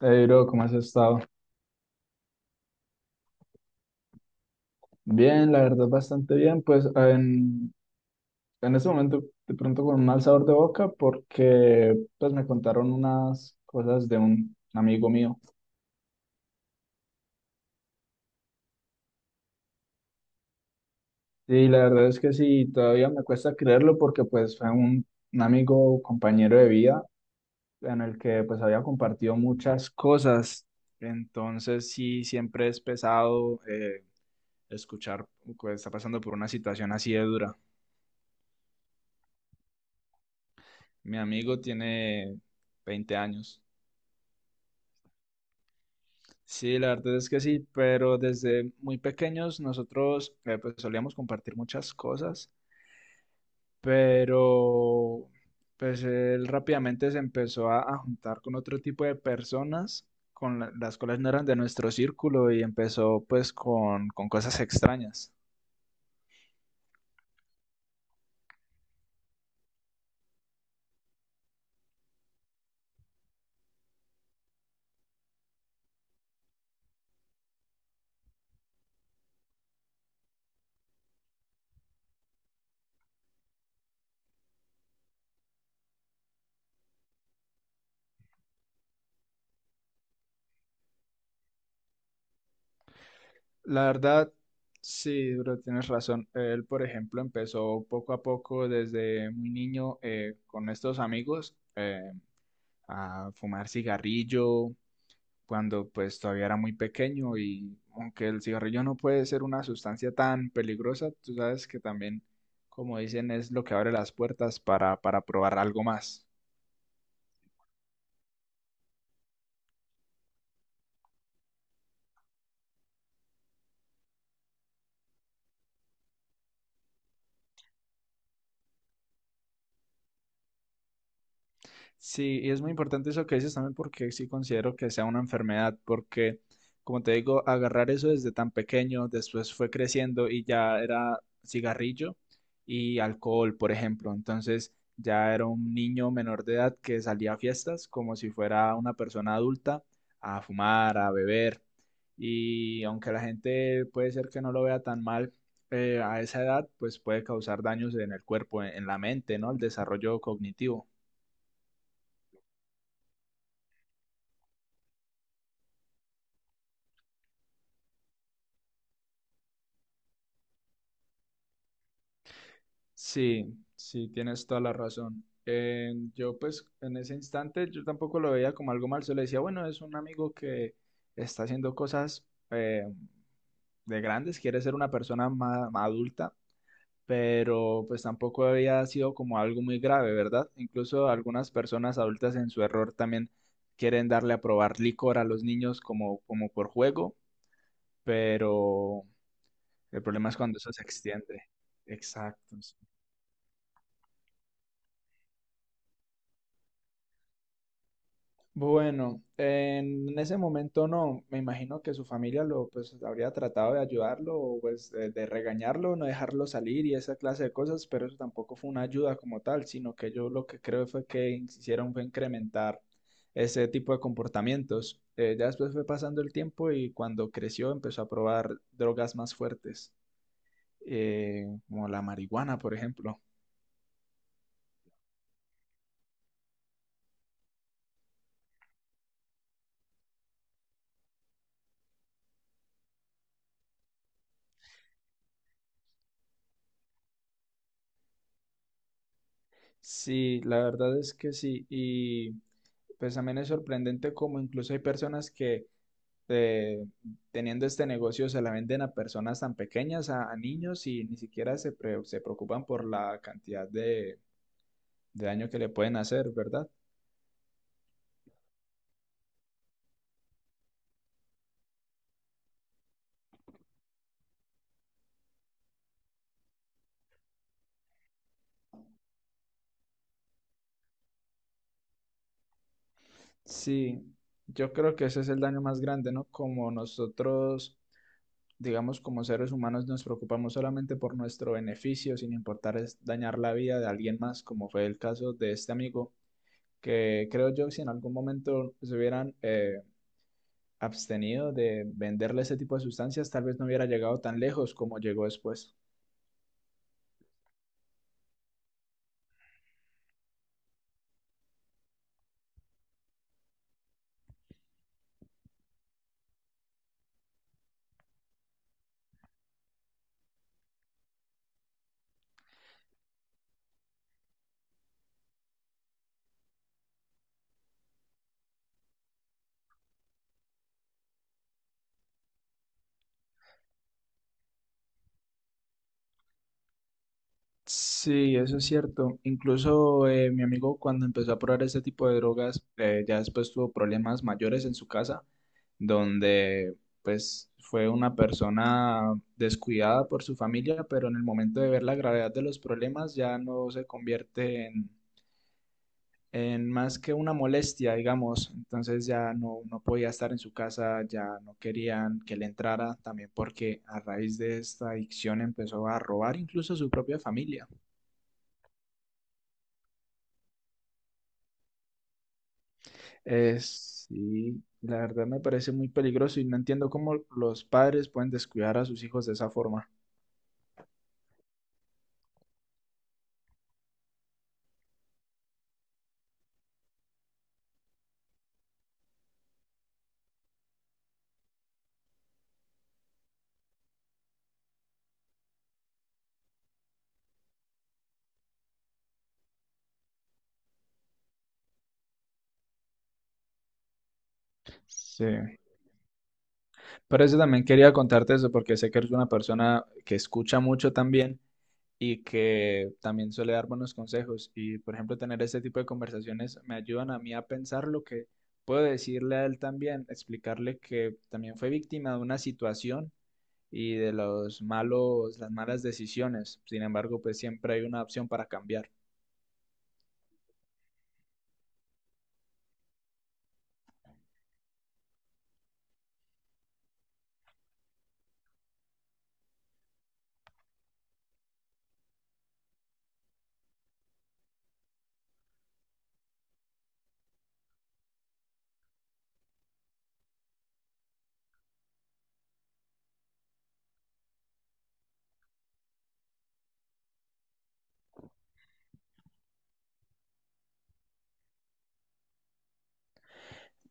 Hey, bro, ¿cómo has estado? Bien, la verdad, bastante bien. En este momento, de pronto con un mal sabor de boca, porque pues me contaron unas cosas de un amigo mío. Y la verdad es que sí, todavía me cuesta creerlo porque pues fue un amigo, compañero de vida, en el que pues había compartido muchas cosas. Entonces sí, siempre es pesado escuchar que está pasando por una situación así de dura. Mi amigo tiene 20 años. Sí, la verdad es que sí, pero desde muy pequeños nosotros pues solíamos compartir muchas cosas, pero pues él rápidamente se empezó a juntar con otro tipo de personas con las cuales no eran de nuestro círculo y empezó pues con cosas extrañas. La verdad, sí, bro, tienes razón. Él, por ejemplo, empezó poco a poco desde muy niño con estos amigos a fumar cigarrillo cuando pues todavía era muy pequeño, y aunque el cigarrillo no puede ser una sustancia tan peligrosa, tú sabes que también, como dicen, es lo que abre las puertas para probar algo más. Sí, y es muy importante eso que dices también porque sí considero que sea una enfermedad, porque como te digo, agarrar eso desde tan pequeño, después fue creciendo y ya era cigarrillo y alcohol, por ejemplo. Entonces ya era un niño menor de edad que salía a fiestas como si fuera una persona adulta a fumar, a beber. Y aunque la gente puede ser que no lo vea tan mal a esa edad, pues puede causar daños en el cuerpo, en la mente, ¿no? El desarrollo cognitivo. Sí, sí, tienes toda la razón. Yo pues en ese instante yo tampoco lo veía como algo mal, solo decía, bueno, es un amigo que está haciendo cosas eh, de grandes, quiere ser una persona más, adulta, pero pues tampoco había sido como algo muy grave, ¿verdad? Incluso algunas personas adultas en su error también quieren darle a probar licor a los niños como, como por juego, pero el problema es cuando eso se extiende. Exacto. Sí. Bueno, en ese momento no, me imagino que su familia lo pues habría tratado de ayudarlo o pues de regañarlo, no dejarlo salir y esa clase de cosas, pero eso tampoco fue una ayuda como tal, sino que yo lo que creo fue que hicieron fue incrementar ese tipo de comportamientos. Ya después fue pasando el tiempo y cuando creció empezó a probar drogas más fuertes, como la marihuana, por ejemplo. Sí, la verdad es que sí. Y pues también es sorprendente como incluso hay personas que eh, teniendo este negocio se la venden a personas tan pequeñas, a niños, y ni siquiera se preocupan por la cantidad de daño que le pueden hacer, ¿verdad? Sí, yo creo que ese es el daño más grande, ¿no? Como nosotros, digamos, como seres humanos nos preocupamos solamente por nuestro beneficio, sin importar es dañar la vida de alguien más, como fue el caso de este amigo, que creo yo si en algún momento se hubieran abstenido de venderle ese tipo de sustancias, tal vez no hubiera llegado tan lejos como llegó después. Sí, eso es cierto. Incluso mi amigo cuando empezó a probar ese tipo de drogas, ya después tuvo problemas mayores en su casa, donde pues fue una persona descuidada por su familia, pero en el momento de ver la gravedad de los problemas ya no se convierte en más que una molestia, digamos, entonces no podía estar en su casa, ya no querían que le entrara, también porque a raíz de esta adicción empezó a robar incluso a su propia familia. Sí, la verdad me parece muy peligroso y no entiendo cómo los padres pueden descuidar a sus hijos de esa forma. Sí, por eso también quería contarte eso, porque sé que eres una persona que escucha mucho también y que también suele dar buenos consejos. Y, por ejemplo, tener este tipo de conversaciones me ayudan a mí a pensar lo que puedo decirle a él también, explicarle que también fue víctima de una situación y de los malos, las malas decisiones. Sin embargo, pues siempre hay una opción para cambiar.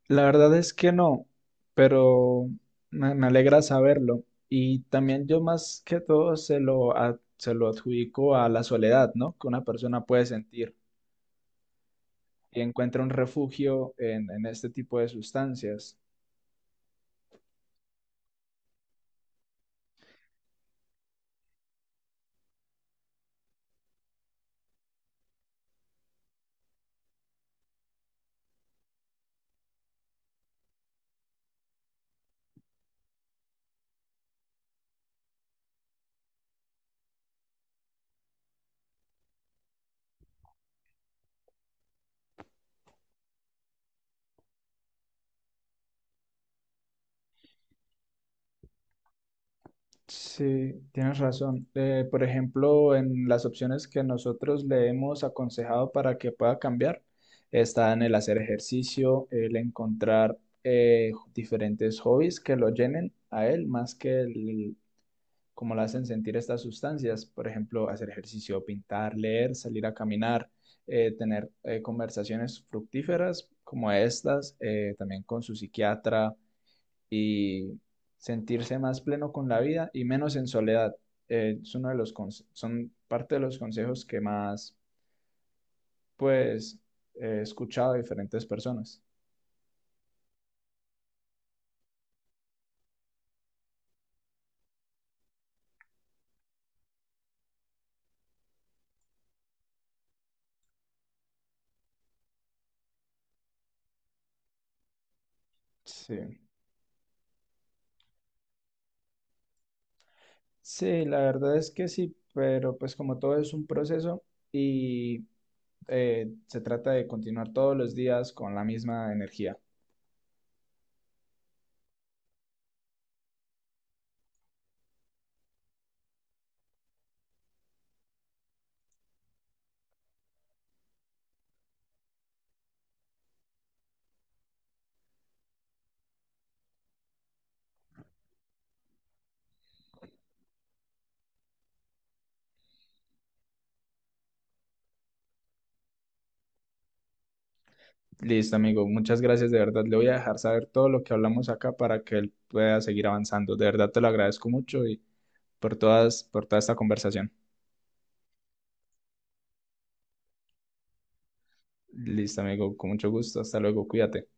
La verdad es que no, pero me alegra saberlo. Y también yo más que todo se se lo adjudico a la soledad, ¿no? Que una persona puede sentir y encuentra un refugio en este tipo de sustancias. Sí, tienes razón. Por ejemplo, en las opciones que nosotros le hemos aconsejado para que pueda cambiar, están el hacer ejercicio, el encontrar diferentes hobbies que lo llenen a él, más que el, como lo hacen sentir estas sustancias. Por ejemplo, hacer ejercicio, pintar, leer, salir a caminar, tener conversaciones fructíferas como estas, también con su psiquiatra, y sentirse más pleno con la vida y menos en soledad. Es uno de los conse- Son parte de los consejos que más, pues, he escuchado de diferentes personas. Sí. Sí, la verdad es que sí, pero pues como todo es un proceso y se trata de continuar todos los días con la misma energía. Listo, amigo, muchas gracias, de verdad. Le voy a dejar saber todo lo que hablamos acá para que él pueda seguir avanzando. De verdad te lo agradezco mucho y por toda esta conversación. Listo, amigo, con mucho gusto. Hasta luego, cuídate.